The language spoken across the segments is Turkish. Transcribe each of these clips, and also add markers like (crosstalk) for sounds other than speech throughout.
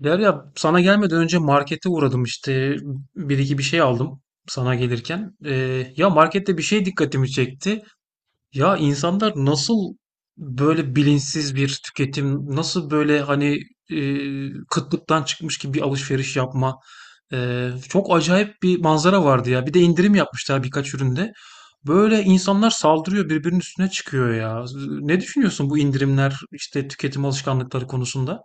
Derya sana gelmeden önce markete uğradım işte bir iki bir şey aldım sana gelirken. Ya markette bir şey dikkatimi çekti. Ya insanlar nasıl böyle bilinçsiz bir tüketim, nasıl böyle hani kıtlıktan çıkmış gibi bir alışveriş yapma. Çok acayip bir manzara vardı ya. Bir de indirim yapmışlar birkaç üründe. Böyle insanlar saldırıyor birbirinin üstüne çıkıyor ya. Ne düşünüyorsun bu indirimler işte tüketim alışkanlıkları konusunda?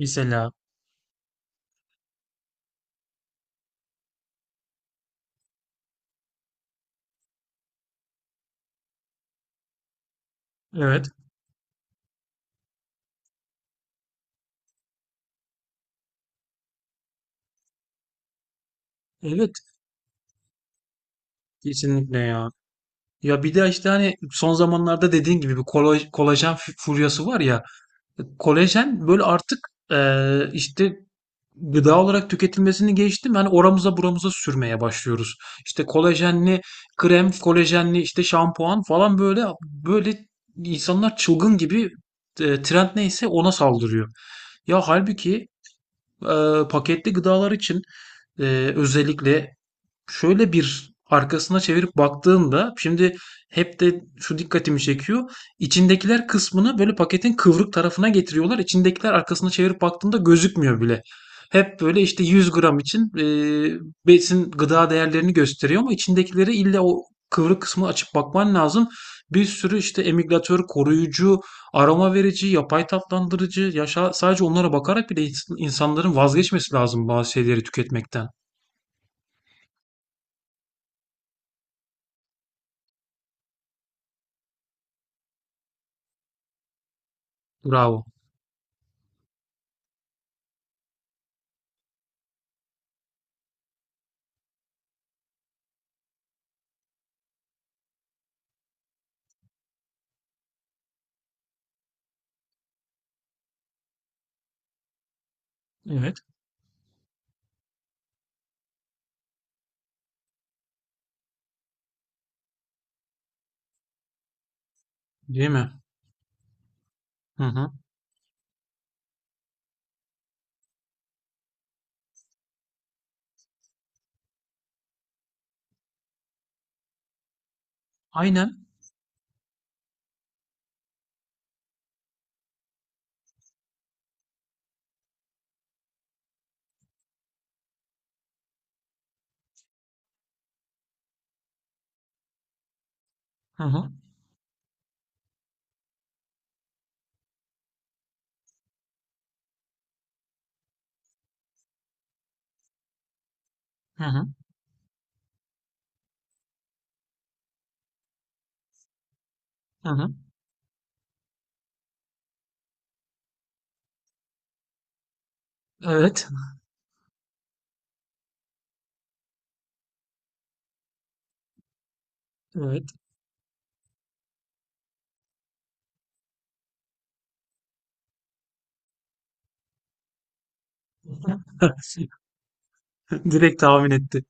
Mesela evet. Evet, kesinlikle ya. Ya bir de işte hani son zamanlarda dediğin gibi bir kolajen furyası var ya. Kolajen böyle artık işte gıda olarak tüketilmesini geçtim. Hani oramıza buramıza sürmeye başlıyoruz. İşte kolajenli krem, kolajenli işte şampuan falan böyle böyle insanlar çılgın gibi trend neyse ona saldırıyor. Ya halbuki e, paketli gıdalar için e, özellikle şöyle bir arkasına çevirip baktığında şimdi hep de şu dikkatimi çekiyor. İçindekiler kısmını böyle paketin kıvrık tarafına getiriyorlar. İçindekiler arkasına çevirip baktığında gözükmüyor bile. Hep böyle işte 100 gram için besin gıda değerlerini gösteriyor ama içindekileri illa o kıvrık kısmını açıp bakman lazım. Bir sürü işte emülgatör, koruyucu, aroma verici, yapay tatlandırıcı, yaşa, sadece onlara bakarak bile insanların vazgeçmesi lazım bazı şeyleri tüketmekten. Bravo. Evet. Değil mi? Hı hı. Aynen. Hı hı. Hı hı. Hı hı. Evet. Evet. (laughs) Direkt tahmin etti.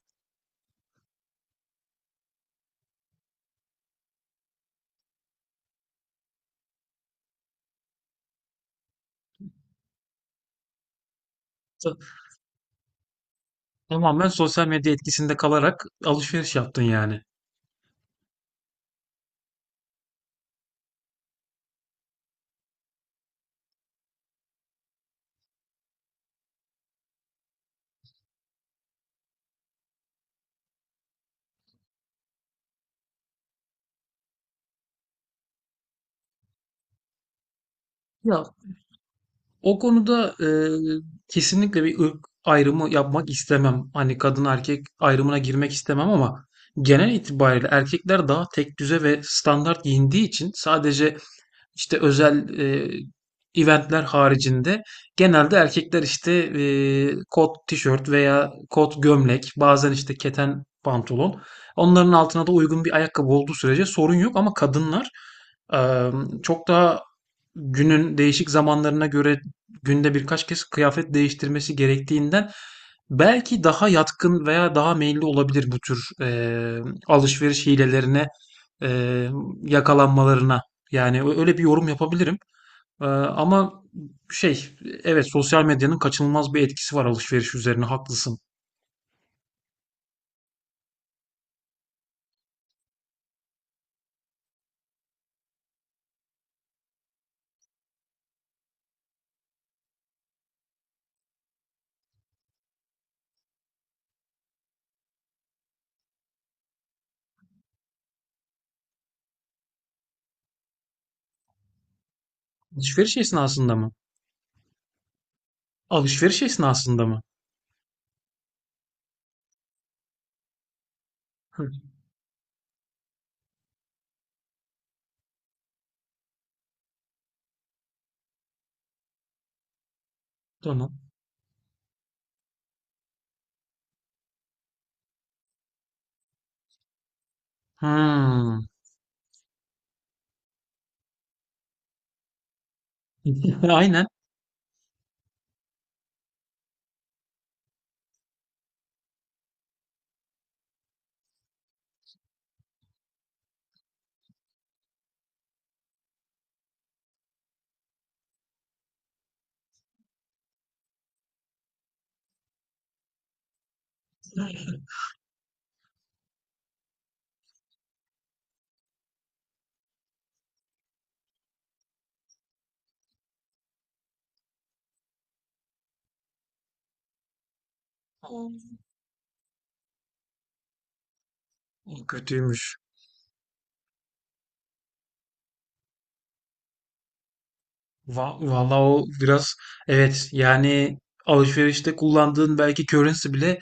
Ta- Tamamen sosyal medya etkisinde kalarak alışveriş yaptın yani. Ya o konuda kesinlikle bir ırk ayrımı yapmak istemem. Hani kadın erkek ayrımına girmek istemem ama genel itibariyle erkekler daha tek düze ve standart giyindiği için sadece İşte özel, event'ler haricinde genelde erkekler işte, kot tişört veya kot gömlek, bazen işte keten pantolon. Onların altına da uygun bir ayakkabı olduğu sürece sorun yok ama kadınlar, çok daha günün değişik zamanlarına göre günde birkaç kez kıyafet değiştirmesi gerektiğinden belki daha yatkın veya daha meyilli olabilir bu tür alışveriş hilelerine eee, yakalanmalarına. Yani öyle bir yorum yapabilirim. Ama şey evet sosyal medyanın kaçınılmaz bir etkisi var alışveriş üzerine haklısın. Alışveriş esnasında mı? Alışveriş esnasında mı? Hı, tamam. Hmm. (laughs) Aynen. O kötüymüş. Vallahi o biraz evet yani alışverişte kullandığın belki currency bile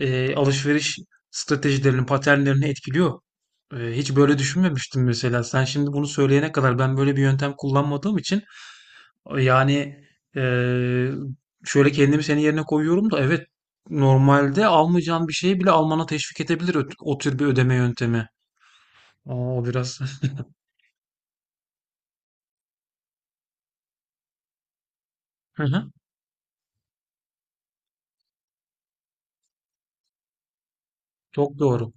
alışveriş stratejilerini, paternlerini etkiliyor. Hiç böyle düşünmemiştim mesela. Sen şimdi bunu söyleyene kadar ben böyle bir yöntem kullanmadığım için yani e, şöyle kendimi senin yerine koyuyorum da evet normalde almayacağın bir şeyi bile almana teşvik edebilir o tür bir ödeme yöntemi. Aa, o biraz. (laughs) Hı hı. Çok doğru.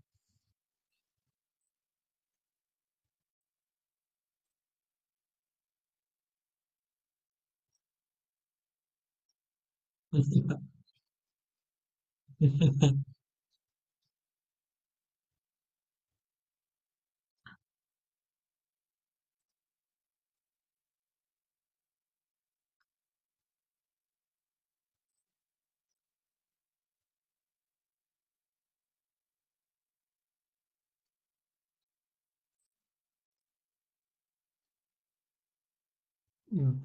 (laughs)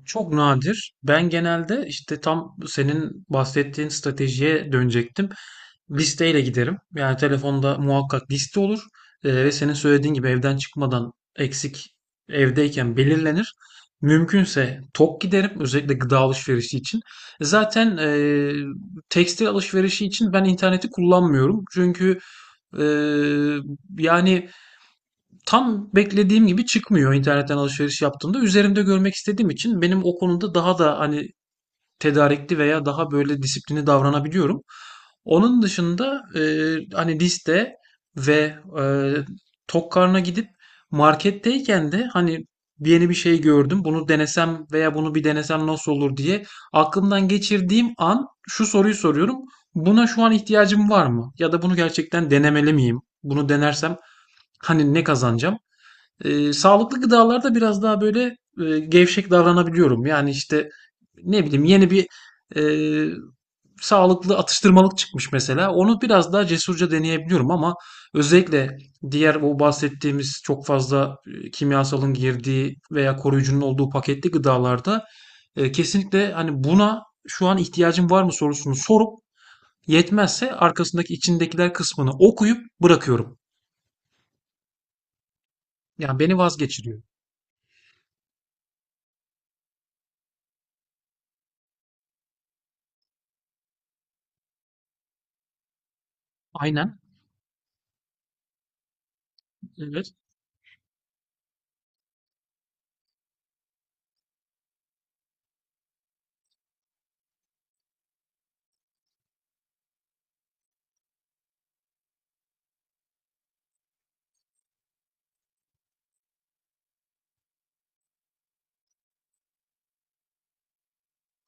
Çok nadir. Ben genelde işte tam senin bahsettiğin stratejiye dönecektim. Listeyle giderim. Yani telefonda muhakkak liste olur. Ve senin söylediğin gibi evden çıkmadan eksik evdeyken belirlenir. Mümkünse tok giderim. Özellikle gıda alışverişi için. Zaten tekstil alışverişi için ben interneti kullanmıyorum. Çünkü e, yani tam beklediğim gibi çıkmıyor internetten alışveriş yaptığımda. Üzerimde görmek istediğim için benim o konuda daha da hani tedarikli veya daha böyle disiplini davranabiliyorum. Onun dışında hani liste ve e, tok karnına gidip marketteyken de hani yeni bir şey gördüm. Bunu denesem veya bunu bir denesem nasıl olur diye aklımdan geçirdiğim an şu soruyu soruyorum. Buna şu an ihtiyacım var mı? Ya da bunu gerçekten denemeli miyim? Bunu denersem hani ne kazanacağım? Sağlıklı gıdalarda biraz daha böyle gevşek davranabiliyorum. Yani işte ne bileyim yeni bir e, sağlıklı atıştırmalık çıkmış mesela. Onu biraz daha cesurca deneyebiliyorum ama özellikle diğer bu bahsettiğimiz çok fazla kimyasalın girdiği veya koruyucunun olduğu paketli gıdalarda kesinlikle hani buna şu an ihtiyacım var mı sorusunu sorup yetmezse arkasındaki içindekiler kısmını okuyup bırakıyorum. Yani beni vazgeçiriyor. Aynen. Evet.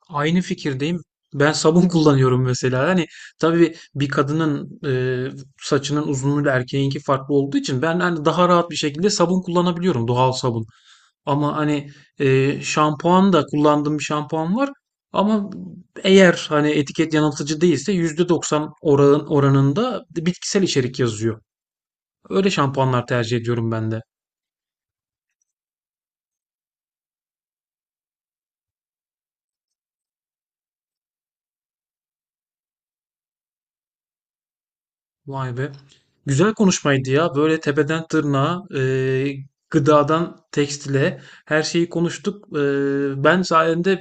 Aynı fikirdeyim. Ben sabun (laughs) kullanıyorum mesela. Hani tabii bir kadının saçının uzunluğuyla erkeğinki farklı olduğu için ben hani daha rahat bir şekilde sabun kullanabiliyorum. Doğal sabun. Ama hani şampuan da kullandığım bir şampuan var. Ama eğer hani etiket yanıltıcı değilse %90 oranında bitkisel içerik yazıyor. Öyle şampuanlar tercih ediyorum ben de. Vay be. Güzel konuşmaydı ya. Böyle tepeden tırnağa, gıdadan tekstile her şeyi konuştuk. Ben sayende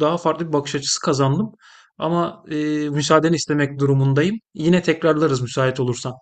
daha farklı bir bakış açısı kazandım. Ama müsaadeni istemek durumundayım. Yine tekrarlarız müsait olursan.